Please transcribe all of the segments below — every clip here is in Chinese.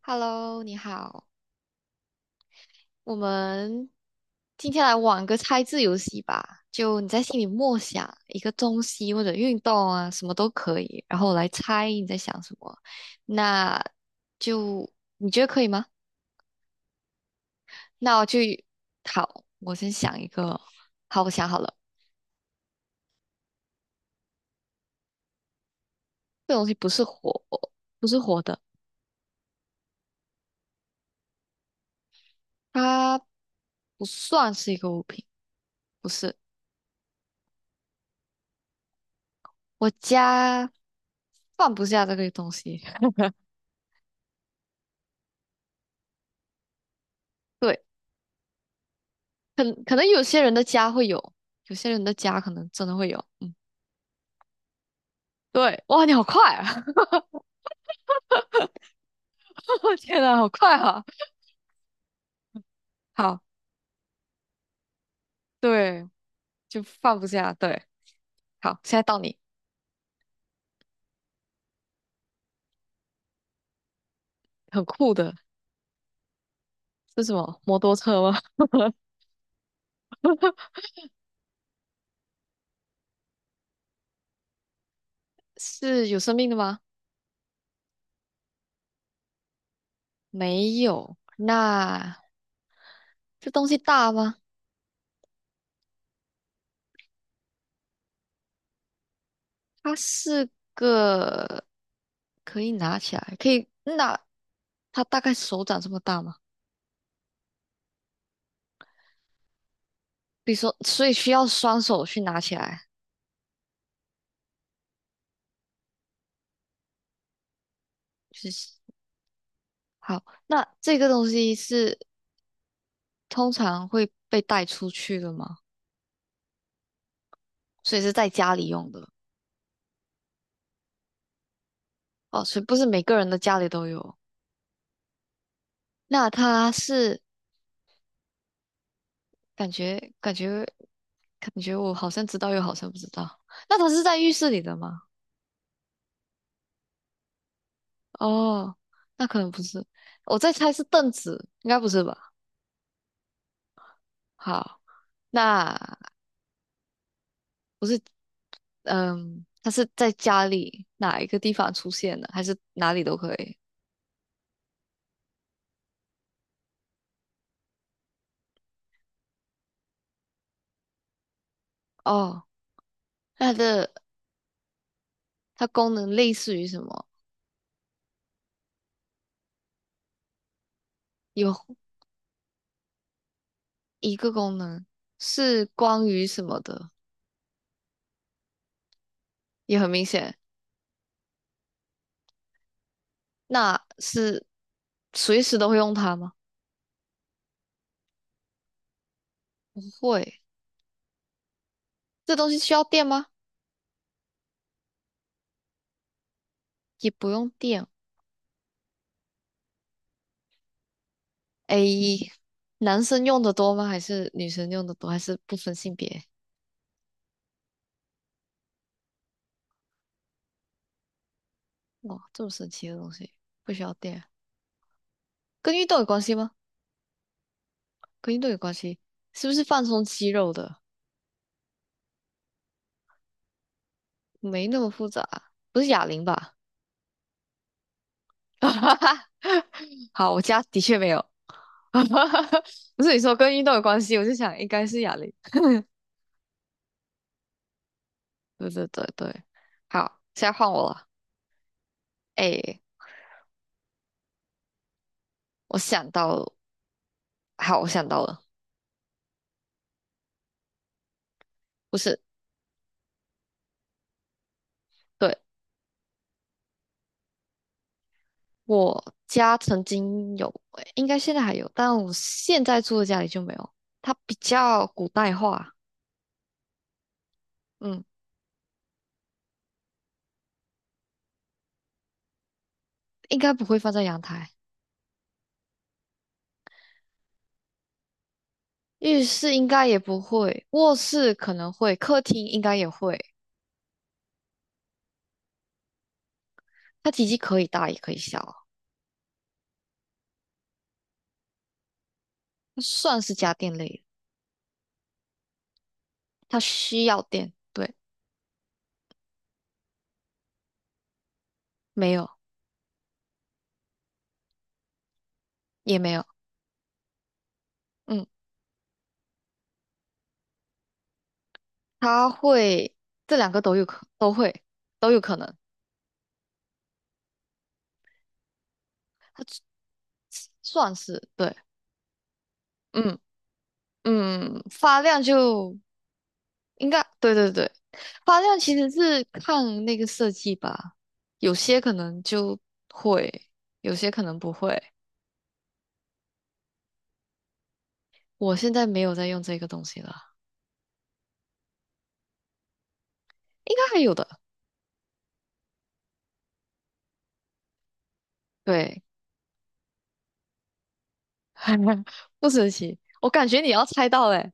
Hello，你好，我们今天来玩个猜字游戏吧。就你在心里默想一个东西或者运动啊，什么都可以，然后我来猜你在想什么。那就你觉得可以吗？那我就好，我先想一个。好，我想好了，这东西不是活，不是活的，它不算是一个物品，不是。我家放不下这个东西，对。可能有些人的家会有，有些人的家可能真的会有。嗯，对，哇，你好快啊！我天呐，好快啊！好，对，就放不下。对，好，现在到你，很酷的，是什么？摩托车吗？是有生命的吗？没有。那这东西大吗？它是个可以拿起来，可以那它大概手掌这么大吗？比如说，所以需要双手去拿起来，就是。好，那这个东西是通常会被带出去的吗？所以是在家里用的哦，所以不是每个人的家里都有。那它是感觉感觉感觉我好像知道又好像不知道。那它是在浴室里的吗？哦，那可能不是。我在猜是凳子，应该不是吧？好，那不是，嗯，它是在家里哪一个地方出现的，还是哪里都可以？哦，那它的。它功能类似于什么？有一个功能是关于什么的，也很明显。那是随时都会用它吗？不会。这东西需要电吗？也不用电。A，男生用的多吗？还是女生用的多？还是不分性别？哇，这么神奇的东西，不需要电，跟运动有关系吗？跟运动有关系，是不是放松肌肉的？没那么复杂，不是哑铃吧？哈哈，好，我家的确没有。哈哈，不是你说跟运动有关系，我就想应该是哑铃。对对对对，好，现在换我了。哎，我想到了，好，我想到了，不是，对，我家曾经有，诶应该现在还有，但我现在住的家里就没有。它比较古代化，嗯，应该不会放在阳台，浴室应该也不会，卧室可能会，客厅应该也会。它体积可以大也可以小，它算是家电类的，它需要电，对，没有。也没有，嗯，他会这两个都有可能，他算是对，嗯嗯，发量就应该对对对，发量其实是看那个设计吧，有些可能就会，有些可能不会。我现在没有在用这个东西了，应该还有的，对，不神奇，我感觉你要猜到嘞，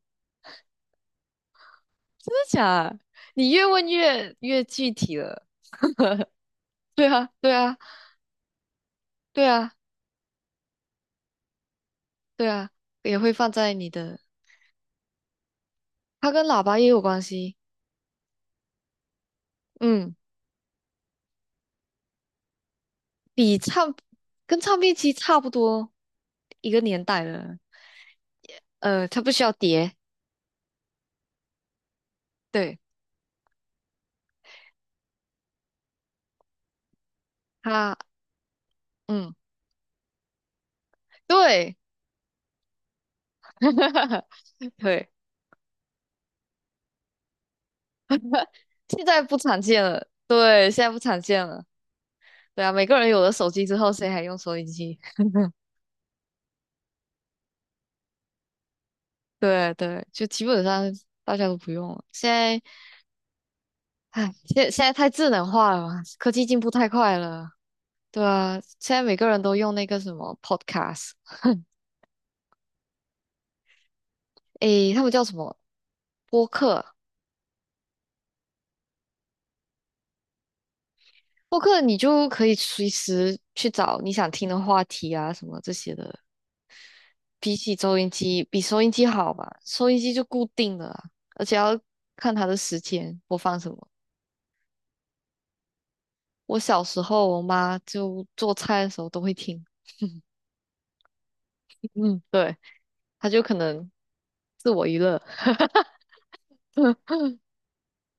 真的假的？你越问越越具体了对啊对啊。对啊，对啊，也会放在你的，它跟喇叭也有关系。嗯，比唱跟唱片机差不多一个年代的。它不需要碟，对它，嗯，对 对，现在不常见了，对，现在不常见了。对啊，每个人有了手机之后，谁还用收音机？对对，就基本上大家都不用了。现在，唉，现在太智能化了嘛，科技进步太快了。对啊，现在每个人都用那个什么 Podcast。诶，他们叫什么播客？播客你就可以随时去找你想听的话题啊，什么这些的。比起收音机，比收音机好吧？收音机就固定了啊，而且要看它的时间播放什么。我小时候，我妈就做菜的时候都会听，嗯，对，她就可能自我娱乐。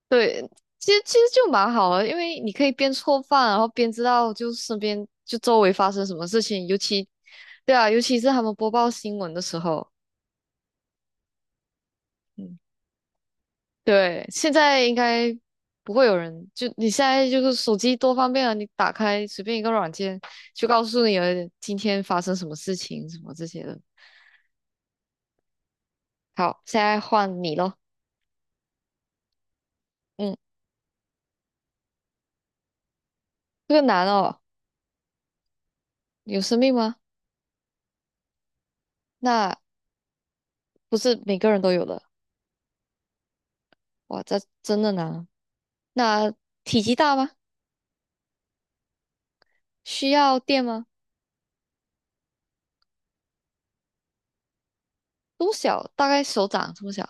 对，其实就蛮好的，因为你可以边做饭，然后边知道就身边就周围发生什么事情，尤其，对啊，尤其是他们播报新闻的时候，嗯，对，现在应该不会有人，就你现在就是手机多方便啊，你打开随便一个软件，就告诉你了今天发生什么事情，什么这些的。好，现在换你咯，嗯，这个难哦，有生命吗？那不是每个人都有的，哇，这真的难啊那体积大吗？需要垫吗？多小？大概手掌这么小，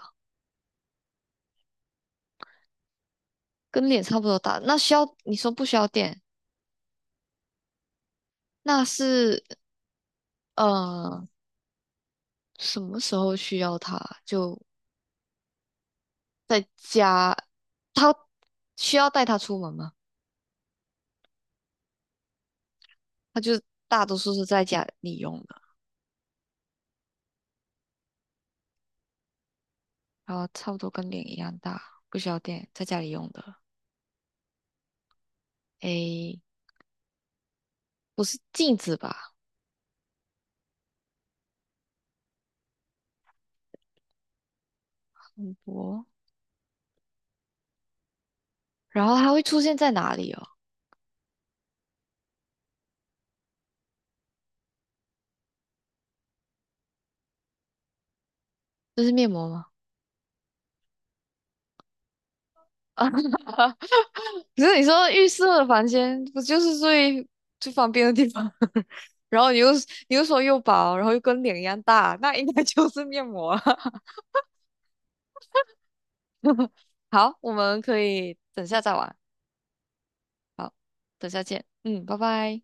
跟脸差不多大。那需要，你说不需要垫，那是呃什么时候需要它？就在家，他需要带它出门吗？他就大多数是在家里用的，然后差不多跟脸一样大，不需要垫，在家里用的。诶，不是镜子吧？很薄。然后它会出现在哪里哦？这是面膜吗？可是你说浴室的房间，不就是最方便的地方？然后你又说又薄，然后又跟脸一样大，那应该就是面膜了 好，我们可以等下再玩，等下见。嗯，拜拜。